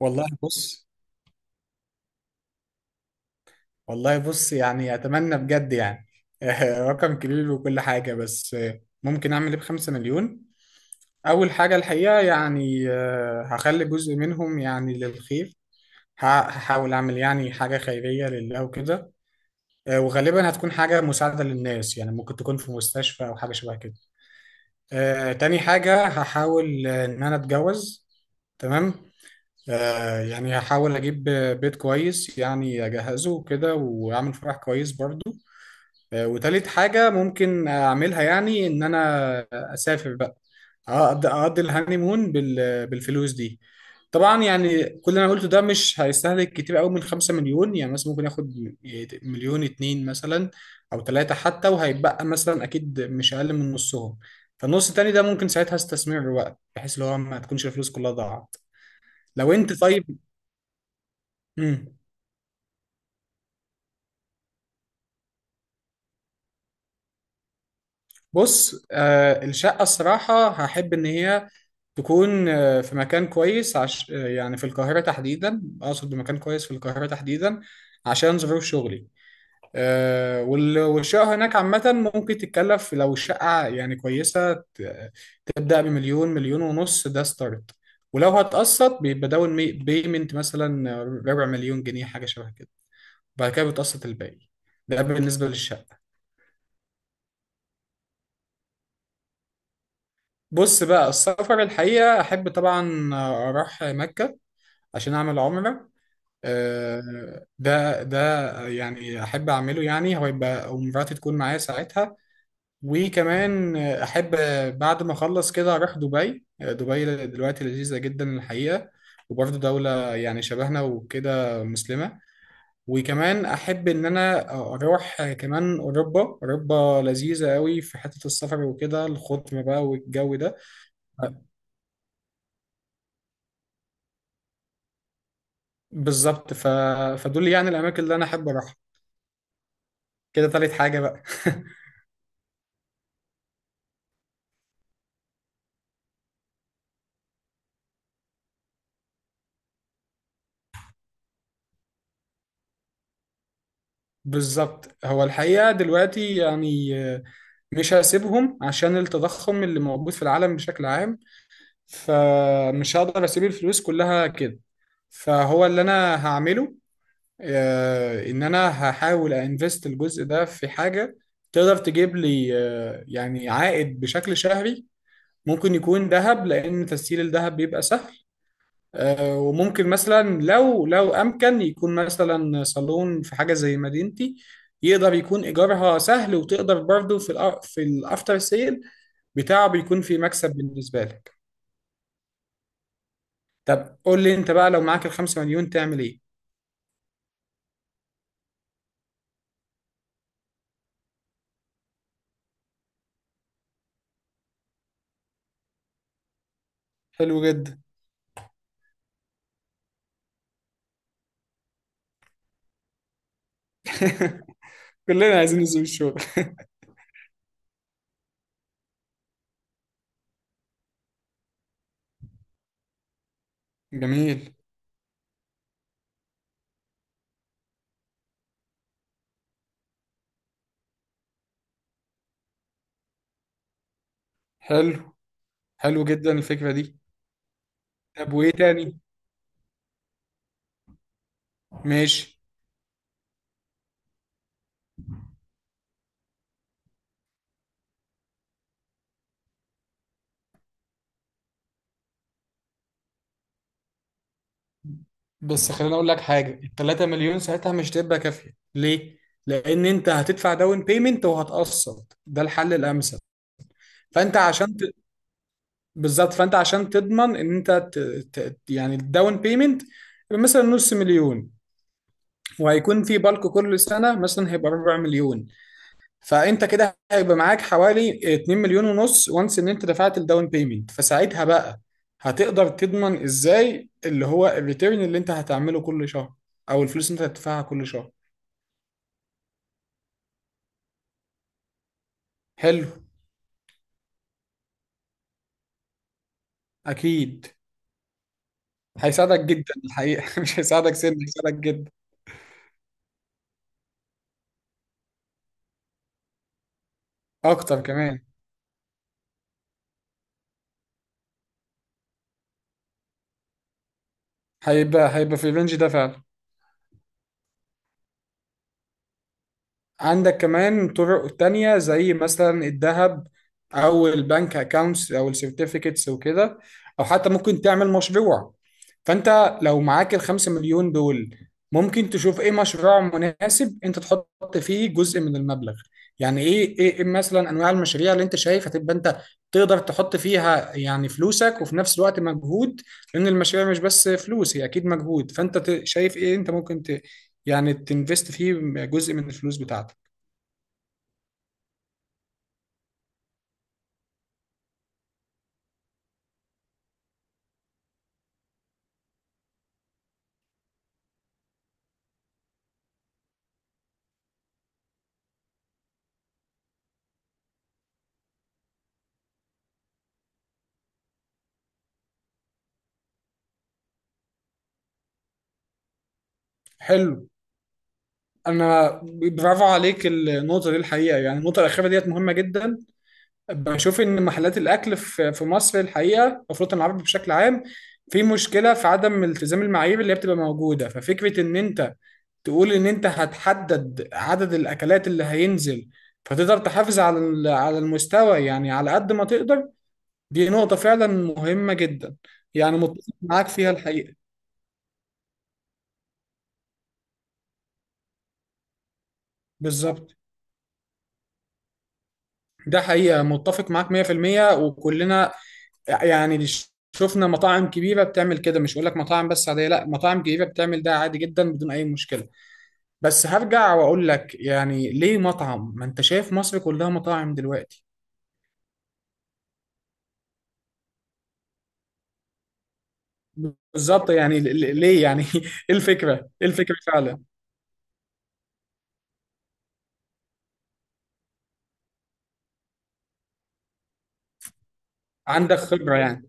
والله بص والله بص، يعني اتمنى بجد يعني. رقم كبير وكل حاجه، بس ممكن اعمل ايه بخمسة مليون؟ اول حاجه الحقيقه يعني هخلي جزء منهم يعني للخير. هحاول اعمل يعني حاجه خيريه لله وكده. وغالبا هتكون حاجه مساعده للناس، يعني ممكن تكون في مستشفى او حاجه شبه كده. تاني حاجه هحاول ان انا اتجوز. تمام. يعني هحاول اجيب بيت كويس، يعني اجهزه وكده، واعمل فرح كويس برضه. وتالت حاجة ممكن أعملها، يعني إن أنا أسافر بقى. أقضي الهانيمون بالفلوس دي. طبعا يعني كل اللي أنا قلته ده مش هيستهلك كتير أوي من 5 مليون، يعني مثلا ممكن ياخد مليون اتنين مثلا، أو تلاتة حتى، وهيتبقى مثلا أكيد مش أقل من نصهم. فالنص التاني ده ممكن ساعتها استثمره بقى، بحيث اللي هو ما تكونش الفلوس كلها ضاعت. لو أنت طيب. مم. بص. الشقة الصراحة هحب إن هي تكون في مكان كويس عش... آه، يعني في القاهرة تحديدا، أقصد بمكان كويس في القاهرة تحديدا، عشان ظروف شغلي. والشقة هناك عامة، ممكن تتكلف لو الشقة يعني كويسة تبدأ بمليون، مليون ونص، ده ستارت. ولو هتقسط بيبقى داون بيمنت مثلا ربع مليون جنيه، حاجة شبه كده. بعد كده بتقسط الباقي. ده بالنسبة للشقة. بص بقى، السفر الحقيقة أحب طبعا أروح مكة عشان أعمل عمرة. ده يعني أحب أعمله، يعني هو يبقى ومراتي تكون معايا ساعتها. وكمان أحب بعد ما أخلص كده أروح دبي. دبي دلوقتي لذيذة جدا الحقيقة، وبرضه دولة يعني شبهنا وكده، مسلمة. وكمان أحب إن أنا أروح كمان أوروبا. أوروبا لذيذة قوي في حتة السفر وكده، الخضرة بقى والجو ده. بالظبط. فدول يعني الاماكن اللي انا احب اروحها. كده تالت حاجه بقى. بالظبط. هو الحقيقه دلوقتي يعني مش هسيبهم، عشان التضخم اللي موجود في العالم بشكل عام، فمش هقدر اسيب الفلوس كلها كده. فهو اللي انا هعمله ان انا هحاول انفست الجزء ده في حاجة تقدر تجيب لي يعني عائد بشكل شهري. ممكن يكون ذهب، لان تسييل الذهب بيبقى سهل. وممكن مثلا لو امكن يكون مثلا صالون في حاجه زي مدينتي، يقدر يكون ايجارها سهل، وتقدر برضه في في الافتر سيل بتاعه بيكون في مكسب بالنسبه لك. طب قول لي انت بقى، لو معاك الخمسة مليون تعمل ايه؟ حلو جدا. كلنا عايزين نسيب الشغل. جميل. حلو حلو جدا الفكره دي. طب وايه تاني؟ ماشي. بس خليني اقول لك حاجه، ال 3 مليون ساعتها مش تبقى كافيه، ليه؟ لان انت هتدفع داون بيمنت وهتقسط، ده الحل الامثل. فانت عشان ت... بالظبط، فانت عشان تضمن ان انت يعني الداون بيمنت مثلا نص مليون، وهيكون في بالك كل سنه مثلا هيبقى ربع مليون، فانت كده هيبقى معاك حوالي 2 مليون ونص، وانس ان انت دفعت الداون بيمنت، فساعتها بقى هتقدر تضمن ازاي اللي هو الريتيرن اللي انت هتعمله كل شهر، او الفلوس اللي انت هتدفعها كل شهر. حلو. اكيد. هيساعدك جدا الحقيقه. مش هيساعدك سن، هيساعدك جدا. اكتر كمان. هيبقى في الرينج ده فعلا. عندك كمان طرق تانية، زي مثلا الذهب أو البنك أكاونتس أو السيرتيفيكتس وكده، أو حتى ممكن تعمل مشروع. فأنت لو معاك الخمسة مليون دول، ممكن تشوف إيه مشروع مناسب أنت تحط فيه جزء من المبلغ. يعني إيه مثلا أنواع المشاريع اللي أنت شايف هتبقى أنت تقدر تحط فيها يعني فلوسك، وفي نفس الوقت مجهود، لأن المشاريع مش بس فلوس، هي أكيد مجهود. فأنت شايف إيه أنت ممكن يعني تنفست فيه جزء من الفلوس بتاعتك. حلو. انا برافو عليك النقطه دي الحقيقه، يعني النقطه الاخيره ديت مهمه جدا. بشوف ان محلات الاكل في مصر الحقيقه، المفروض العربي بشكل عام في مشكله في عدم التزام المعايير اللي هي بتبقى موجوده، ففكره ان انت تقول ان انت هتحدد عدد الاكلات اللي هينزل، فتقدر تحافظ على على المستوى يعني على قد ما تقدر. دي نقطه فعلا مهمه جدا، يعني متفق معاك فيها الحقيقه. بالظبط. ده حقيقة متفق معاك 100%، وكلنا يعني اللي شفنا مطاعم كبيرة بتعمل كده. مش بقول لك مطاعم بس عادية، لا، مطاعم كبيرة بتعمل ده عادي جدا بدون أي مشكلة. بس هرجع وأقول لك يعني، ليه مطعم؟ ما أنت شايف مصر كلها مطاعم دلوقتي. بالظبط، يعني ليه، يعني؟ إيه الفكرة؟ إيه الفكرة فعلا؟ عندك خبرة يعني.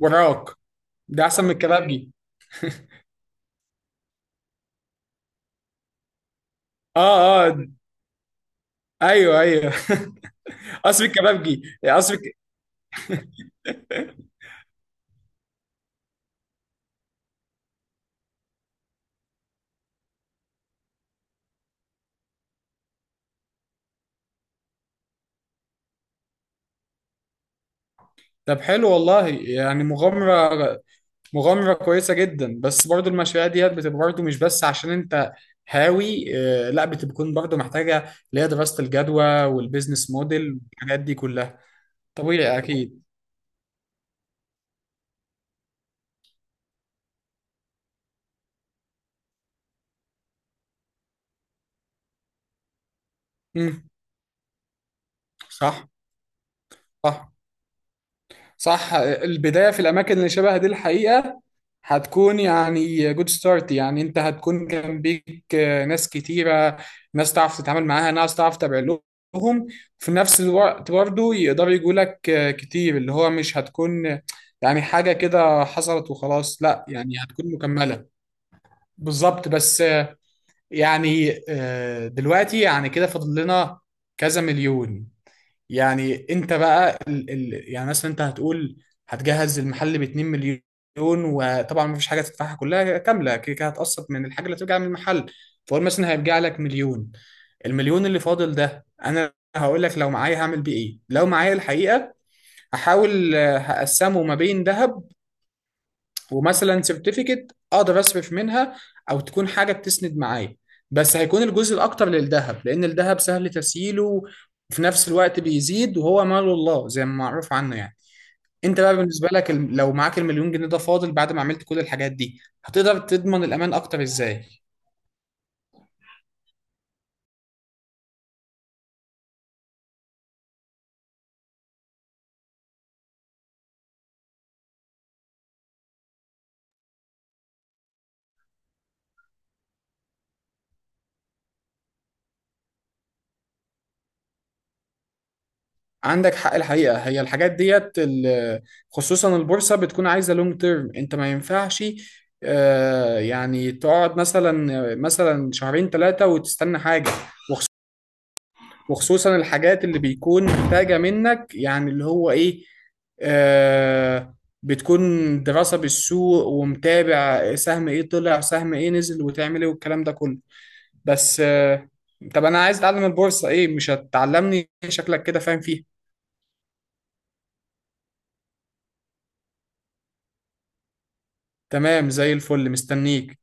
وراك. ده أحسن من الكبابجي. آه آه. أيوه أيوه. قصر الكبابجي، طب حلو والله، يعني مغامرة. مغامرة كويسة جدا، بس برضو المشاريع ديت بتبقى برضو مش بس عشان انت هاوي، لا، بتكون برضو محتاجة اللي هي دراسة الجدوى والبيزنس موديل والحاجات دي كلها. طبيعي اكيد. مم. صح. صح، صح. البداية في الأماكن اللي شبه دي الحقيقة هتكون يعني جود ستارت، يعني أنت هتكون جنبيك ناس كتيرة، ناس تعرف تتعامل معاها، ناس تعرف تتابع لهم. في نفس الوقت برضه يقدروا يجوا لك كتير، اللي هو مش هتكون يعني حاجة كده حصلت وخلاص، لا، يعني هتكون مكملة. بالظبط. بس يعني دلوقتي يعني كده فاضل لنا كذا مليون. يعني انت بقى يعني مثلا انت هتقول هتجهز المحل ب 2 مليون، وطبعا مفيش حاجه تدفعها كلها كامله كده، كده هتقسط من الحاجه اللي هترجع من المحل، فقول مثلا هيرجع لك مليون. المليون اللي فاضل ده انا هقول لك لو معايا هعمل بيه ايه. لو معايا الحقيقه، هحاول هقسمه ما بين ذهب، ومثلا سيرتيفيكت اقدر اصرف منها، او تكون حاجه بتسند معايا. بس هيكون الجزء الاكتر للذهب، لان الذهب سهل تسييله، وفي نفس الوقت بيزيد، وهو مال الله زي ما معروف عنه يعني. انت بقى بالنسبه لك لو معاك المليون جنيه ده فاضل بعد ما عملت كل الحاجات دي، هتقدر تضمن الامان اكتر ازاي؟ عندك حق الحقيقه، هي الحاجات ديت خصوصا البورصه بتكون عايزه لونج تيرم، انت ما ينفعش يعني تقعد مثلا شهرين ثلاثه وتستنى حاجه. وخصوصا الحاجات اللي بيكون محتاجة منك يعني اللي هو ايه؟ آه بتكون دراسة بالسوق، ومتابع سهم ايه طلع سهم ايه نزل، وتعمل ايه، والكلام ده كله. بس طب انا عايز اتعلم البورصة، ايه مش هتعلمني؟ شكلك كده فاهم فيها. تمام، زي الفل، مستنيك.